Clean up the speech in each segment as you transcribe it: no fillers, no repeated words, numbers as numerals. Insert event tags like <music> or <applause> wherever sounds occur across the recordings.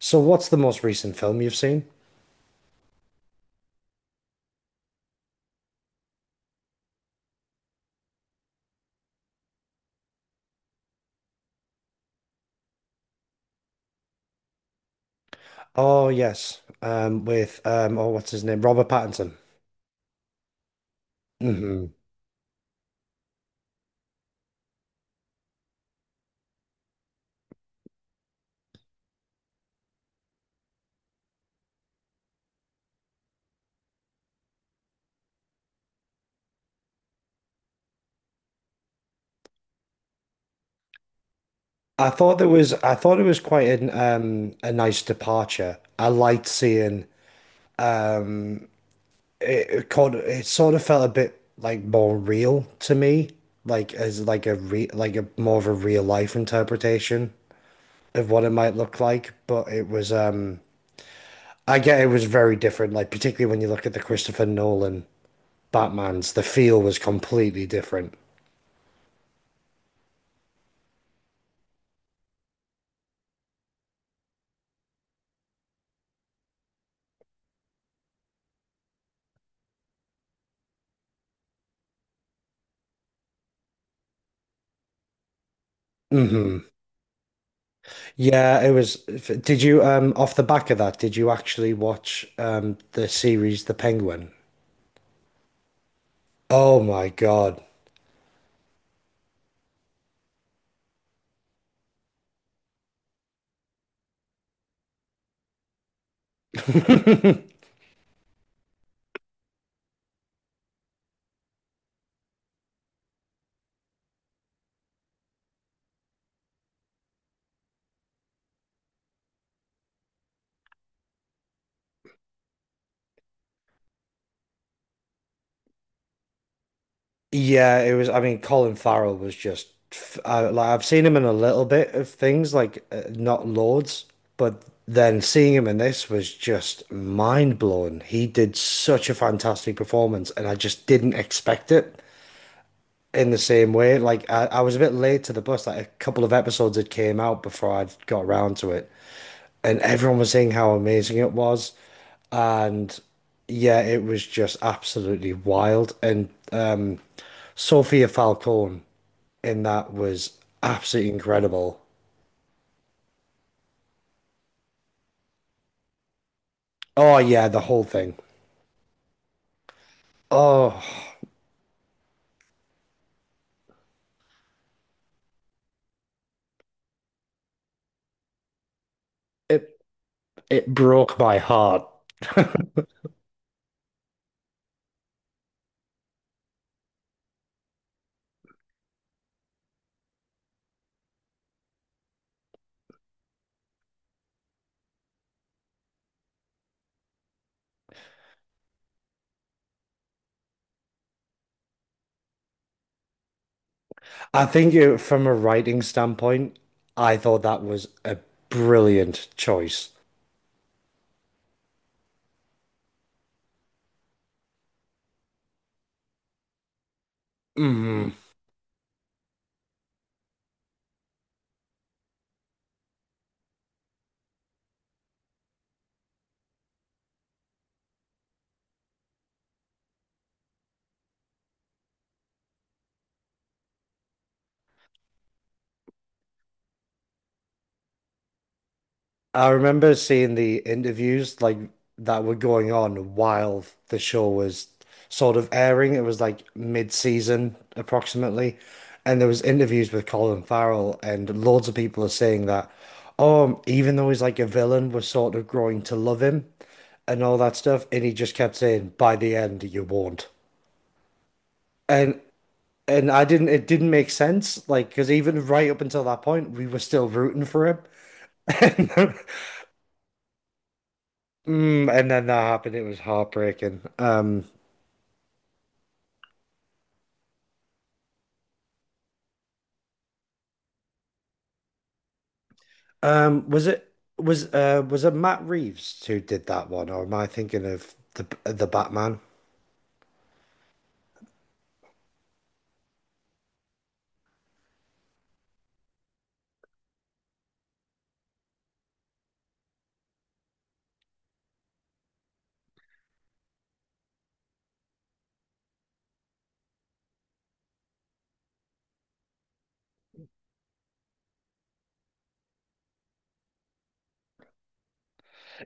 So what's the most recent film you've seen? Oh yes, with oh what's his name, Robert Pattinson. Hmm I thought I thought it was quite an a nice departure. I liked seeing um it caught, it sort of felt a bit like more real to me, like as like a re like a more of a real life interpretation of what it might look like. But it was I get it was very different, like particularly when you look at the Christopher Nolan Batmans. The feel was completely different. Hmm Yeah, it was. Did you off the back of that, did you actually watch the series The Penguin? Oh my God. <laughs> Yeah, it was. I mean, Colin Farrell was just like I've seen him in a little bit of things, like not loads, but then seeing him in this was just mind blowing. He did such a fantastic performance, and I just didn't expect it in the same way. Like I was a bit late to the bus. Like a couple of episodes had came out before I'd got around to it, and everyone was saying how amazing it was. And yeah, it was just absolutely wild. And Sofia Falcone in that was absolutely incredible. Oh yeah, the whole thing. Oh, it it broke my heart. I think from a writing standpoint, I thought that was a brilliant choice. Mm. I remember seeing the interviews like that were going on while the show was sort of airing. It was like mid-season approximately. And there was interviews with Colin Farrell and loads of people are saying that, oh, even though he's like a villain, we're sort of growing to love him and all that stuff. And he just kept saying, by the end, you won't. And and I didn't it didn't make sense, like because even right up until that point, we were still rooting for him. <laughs> And then that happened. It was heartbreaking. Was it was it Matt Reeves who did that one, or am I thinking of the Batman?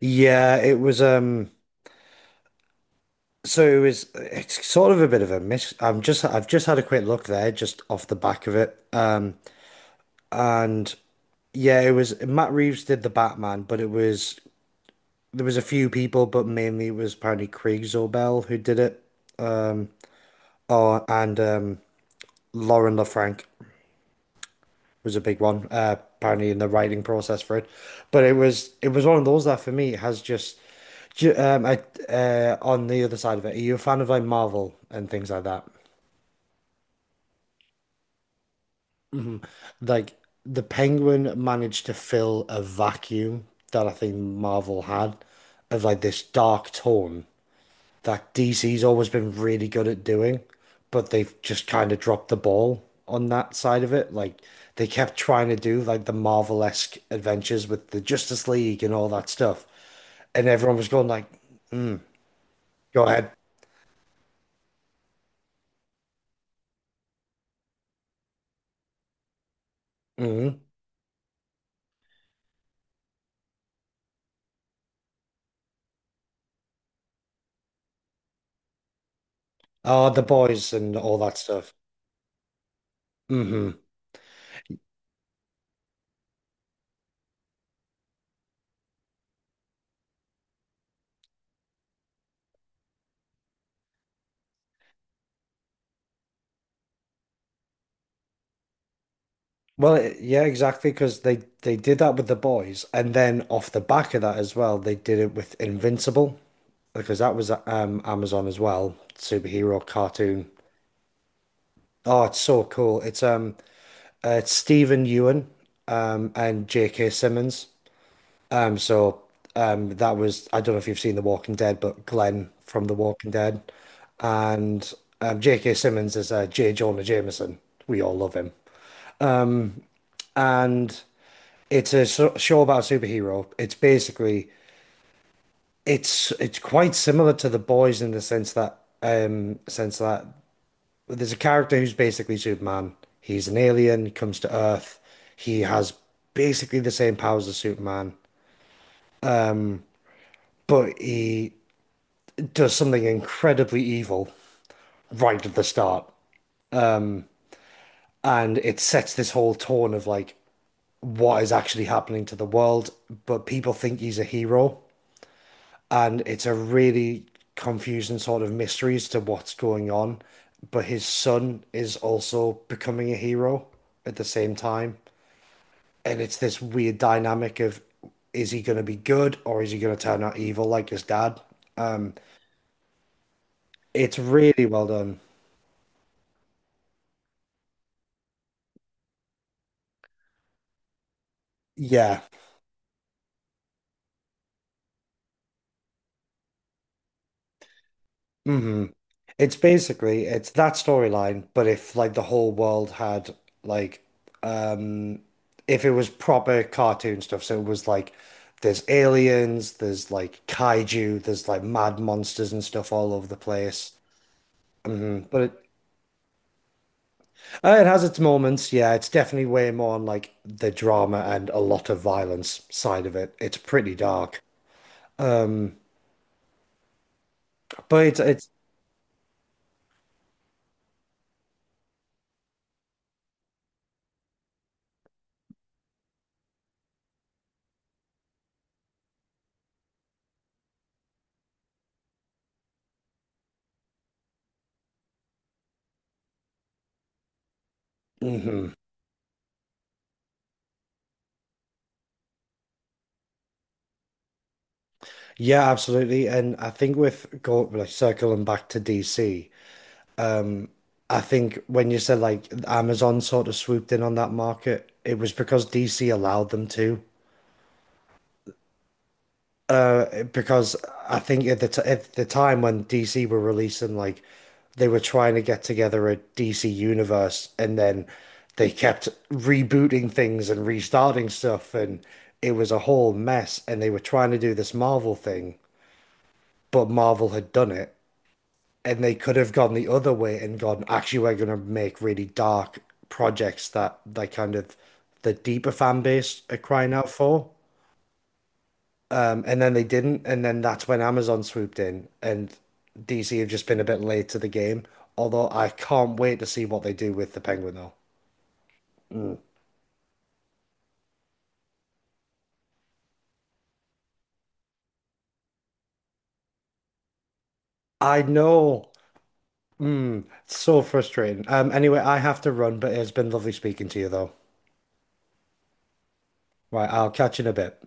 Yeah, it was. It's sort of a bit of a miss. I've just had a quick look there, just off the back of it, and yeah, it was Matt Reeves did the Batman, but it was there was a few people, but mainly it was apparently Craig Zobel who did it, or and Lauren LaFranc was a big one, apparently in the writing process for it. But it was one of those that for me has just ju- I on the other side of it, are you a fan of like Marvel and things like that? Like the Penguin managed to fill a vacuum that I think Marvel had, of like this dark tone that DC's always been really good at doing, but they've just kind of dropped the ball on that side of it. Like they kept trying to do like the Marvel-esque adventures with the Justice League and all that stuff, and everyone was going like, "Go ahead, hmm oh the boys and all that stuff." hmm Well, yeah, exactly, because they did that with the boys, and then off the back of that as well, they did it with Invincible, because that was Amazon as well, superhero cartoon. Oh, it's so cool. It's Stephen Ewan and J.K. Simmons. Um so that was, I don't know if you've seen The Walking Dead, but Glenn from The Walking Dead. And J.K. Simmons is J. Jonah Jameson. We all love him. And it's a show about a superhero. It's basically it's quite similar to The Boys in the sense that there's a character who's basically Superman. He's an alien, comes to Earth. He has basically the same powers as Superman, but he does something incredibly evil right at the start. And it sets this whole tone of like what is actually happening to the world, but people think he's a hero. And it's a really confusing sort of mystery as to what's going on. But his son is also becoming a hero at the same time. And it's this weird dynamic of, is he going to be good or is he going to turn out evil like his dad? Um, it's really well done. Yeah. hmm It's basically it's that storyline, but if like the whole world had like um if it was proper cartoon stuff, so it was like there's aliens, there's like kaiju, there's like mad monsters and stuff all over the place. Hmm But it, it has its moments. Yeah, it's definitely way more on like the drama and a lot of violence side of it. It's pretty dark, Mm. but it's mhm. Yeah, absolutely. And I think with go like circling back to DC, I think when you said like Amazon sort of swooped in on that market, it was because DC allowed them to, because I think at the t at the time when DC were releasing, like they were trying to get together a DC universe, and then they kept rebooting things and restarting stuff, and it was a whole mess. And they were trying to do this Marvel thing, but Marvel had done it, and they could have gone the other way and gone, actually, we're going to make really dark projects that kind of the deeper fan base are crying out for. And then they didn't, and then that's when Amazon swooped in, and DC have just been a bit late to the game. Although I can't wait to see what they do with the Penguin, though. Mm. I know. Mm, it's so frustrating. Anyway, I have to run, but it's been lovely speaking to you, though. Right, I'll catch you in a bit.